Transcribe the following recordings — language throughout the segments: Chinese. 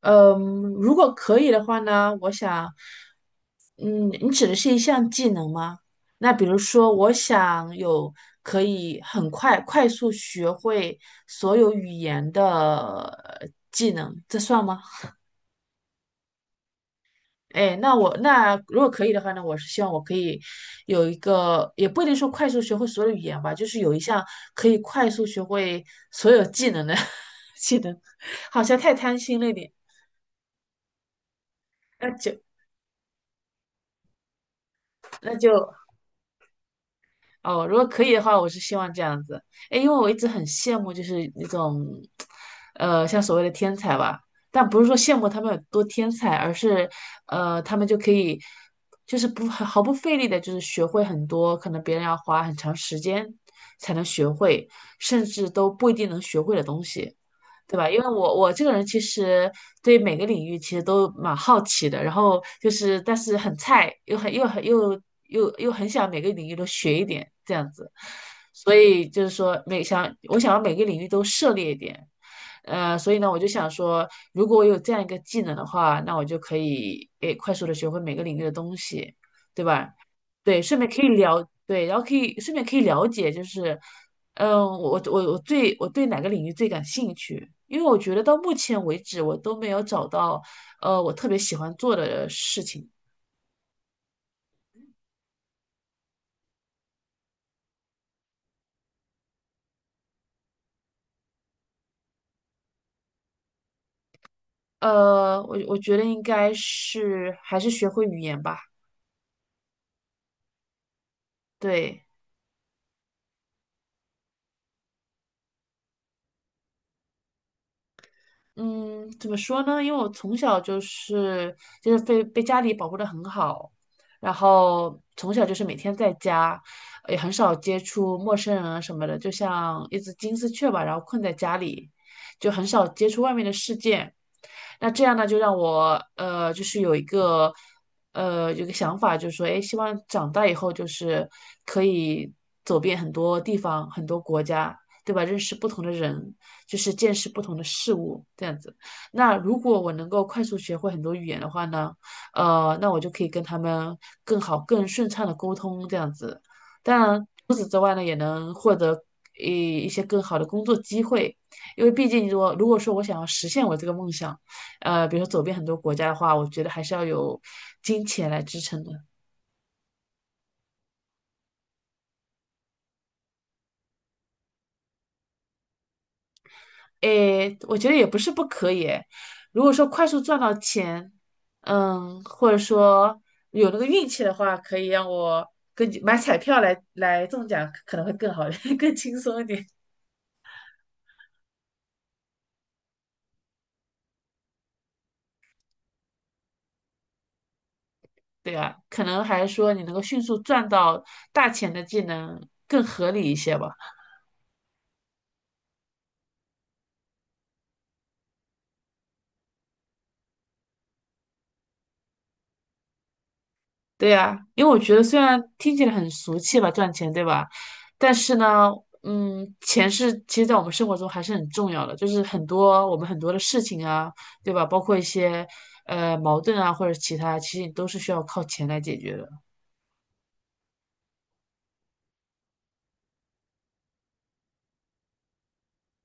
嗯，如果可以的话呢，我想，嗯，你指的是一项技能吗？那比如说，我想有可以快速学会所有语言的呃技能，这算吗？哎，那如果可以的话呢，我是希望我可以有一个，也不一定说快速学会所有的语言吧，就是有一项可以快速学会所有技能的 技能，好像太贪心了一点。那就那就哦，如果可以的话，我是希望这样子。哎，因为我一直很羡慕，就是那种，像所谓的天才吧，但不是说羡慕他们有多天才，而是，他们就可以，就是不毫不费力的，就是学会很多可能别人要花很长时间才能学会，甚至都不一定能学会的东西。对吧？因为我这个人其实对每个领域其实都蛮好奇的，然后就是但是很菜，又很想每个领域都学一点这样子，所以就是说我想要每个领域都涉猎一点，所以呢我就想说，如果我有这样一个技能的话，那我就可以快速的学会每个领域的东西，对吧？对，顺便可以了，对，然后顺便可以了解，就是我对哪个领域最感兴趣？因为我觉得到目前为止，我都没有找到我特别喜欢做的事情。我觉得应该是还是学会语言吧。对，嗯，怎么说呢？因为我从小就是被家里保护的很好，然后从小就是每天在家，也很少接触陌生人啊什么的，就像一只金丝雀吧，然后困在家里，就很少接触外面的世界。那这样呢，就让我,就是有一个有个想法，就是说，哎，希望长大以后就是可以走遍很多地方、很多国家，对吧？认识不同的人，就是见识不同的事物，这样子。那如果我能够快速学会很多语言的话呢，那我就可以跟他们更好、更顺畅的沟通，这样子。当然，除此之外呢，也能获得一些更好的工作机会，因为毕竟如果说我想要实现我这个梦想，比如说走遍很多国家的话，我觉得还是要有金钱来支撑的。诶，我觉得也不是不可以诶。如果说快速赚到钱，或者说有那个运气的话，可以让我跟据买彩票来中奖，可能会更好，更轻松一点，对啊，可能还是说你能够迅速赚到大钱的技能更合理一些吧。对呀，因为我觉得虽然听起来很俗气吧，赚钱，对吧？但是呢，钱是其实在我们生活中还是很重要的，就是很多的事情啊，对吧？包括一些矛盾啊或者其他，其实你都是需要靠钱来解决的。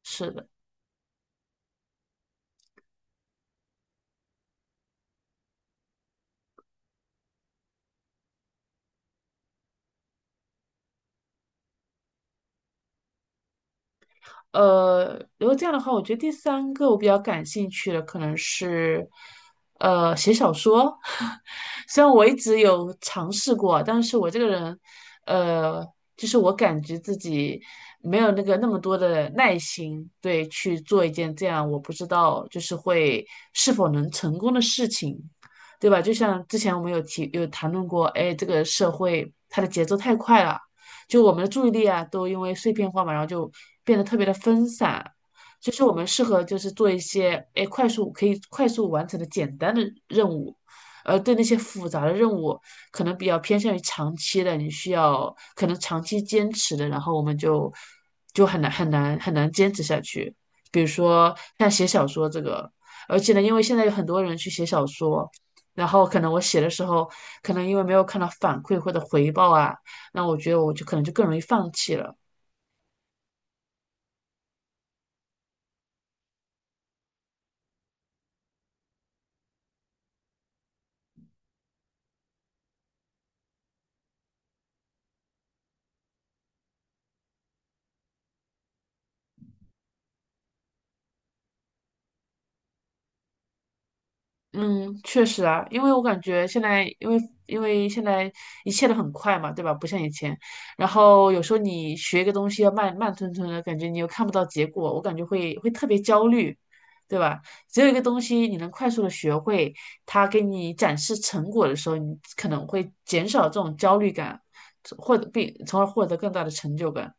是的。如果这样的话，我觉得第三个我比较感兴趣的可能是，写小说。虽然我一直有尝试过，但是我这个人，呃，就是我感觉自己没有那么多的耐心，对，去做一件这样我不知道就是会是否能成功的事情，对吧？就像之前我们有谈论过，哎，这个社会它的节奏太快了。就我们的注意力啊，都因为碎片化嘛，然后就变得特别的分散。就是我们适合就是做一些哎快速完成的简单的任务，而对那些复杂的任务，可能比较偏向于长期的，你需要可能长期坚持的，然后我们就就很难坚持下去。比如说像写小说这个，而且呢，因为现在有很多人去写小说，然后可能我写的时候，可能因为没有看到反馈或者回报啊，那我觉得我可能更容易放弃了。嗯，确实啊，因为我感觉现在，因为现在一切都很快嘛，对吧？不像以前，然后有时候你学一个东西要慢慢吞吞的，感觉你又看不到结果，我感觉会特别焦虑，对吧？只有一个东西你能快速的学会，它给你展示成果的时候，你可能会减少这种焦虑感，获得并从而获得更大的成就感。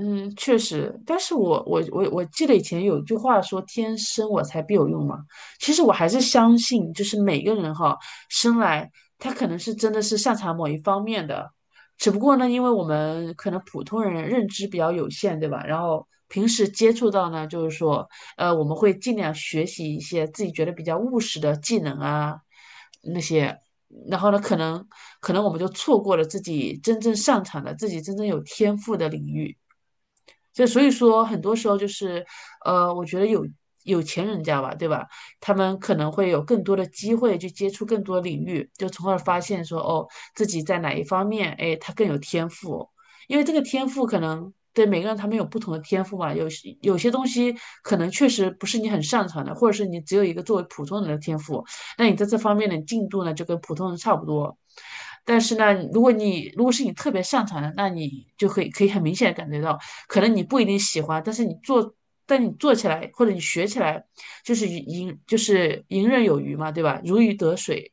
嗯，确实，但是我记得以前有一句话说"天生我材必有用"嘛，其实我还是相信，就是每个人哈，生来他可能是真的是擅长某一方面的，只不过呢，因为我们可能普通人认知比较有限，对吧？然后平时接触到呢，就是说，我们会尽量学习一些自己觉得比较务实的技能啊，那些。然后呢，可能我们就错过了自己真正擅长的、自己真正有天赋的领域。就所以说，很多时候就是，我觉得有有钱人家吧，对吧？他们可能会有更多的机会去接触更多领域，就从而发现说，哦，自己在哪一方面，哎，他更有天赋。因为这个天赋可能对每个人他们有不同的天赋嘛，有些东西可能确实不是你很擅长的，或者是你只有一个作为普通人的天赋，那你在这方面的进度呢，就跟普通人差不多。但是呢，如果是你特别擅长的，那你就可以很明显的感觉到。可能你不一定喜欢，但你做起来或者你学起来，就是游刃有余嘛，对吧？如鱼得水。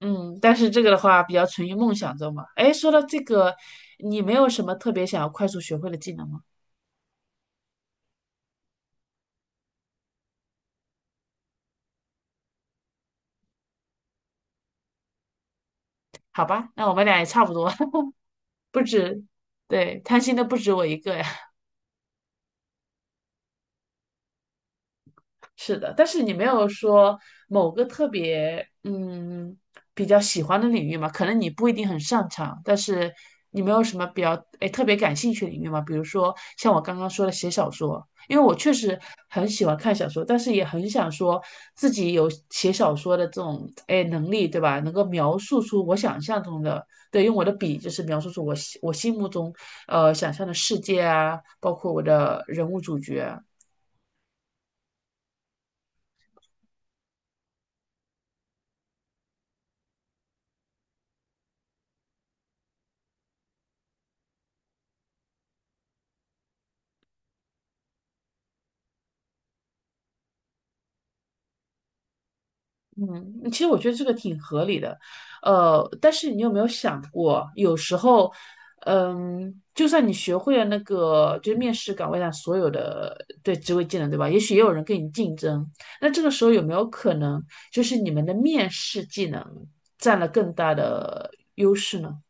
嗯，但是这个的话比较存于梦想中嘛。哎，说到这个，你没有什么特别想要快速学会的技能吗？好吧，那我们俩也差不多，不止，对，贪心的不止我一个呀。是的，但是你没有说某个特别比较喜欢的领域嘛？可能你不一定很擅长，但是你没有什么比较特别感兴趣的领域嘛？比如说像我刚刚说的写小说，因为我确实很喜欢看小说，但是也很想说自己有写小说的这种能力，对吧？能够描述出我想象中的，对，用我的笔就是描述出我心目中想象的世界啊，包括我的人物主角。嗯，其实我觉得这个挺合理的，但是你有没有想过，有时候，就算你学会了那个就是面试岗位上所有的对职位技能，对吧？也许也有人跟你竞争，那这个时候有没有可能，就是你们的面试技能占了更大的优势呢？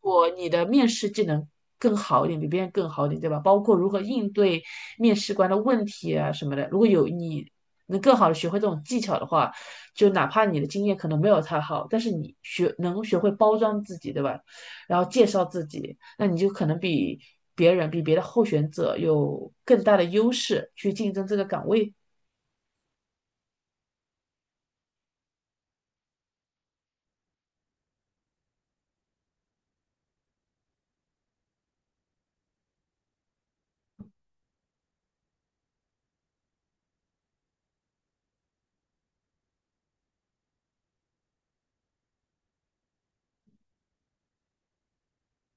果你的面试技能更好一点，比别人更好一点，对吧？包括如何应对面试官的问题啊什么的，如果有你能更好的学会这种技巧的话，就哪怕你的经验可能没有他好，但是你能学会包装自己，对吧？然后介绍自己，那你就可能比别人、比别的候选者有更大的优势去竞争这个岗位。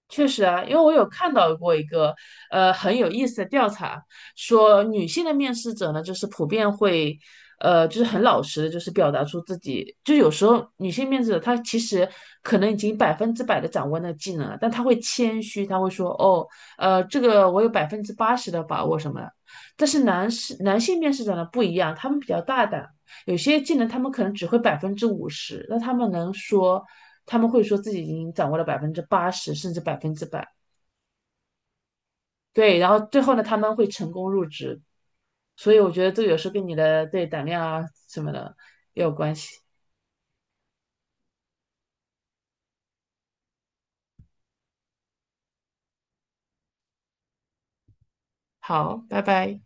确实啊，因为我有看到过一个很有意思的调查，说女性的面试者呢，就是普遍会就是很老实的，就是表达出自己，就有时候女性面试者她其实可能已经百分之百的掌握那个技能了，但她会谦虚，她会说这个我有百分之八十的把握什么的，但是男性面试者呢不一样，他们比较大胆。有些技能他们可能只会50%，那他们能说，他们会说自己已经掌握了百分之八十甚至百分之百。对，然后最后呢，他们会成功入职。所以我觉得这有时候跟你的胆量啊什么的也有关系。好，拜拜。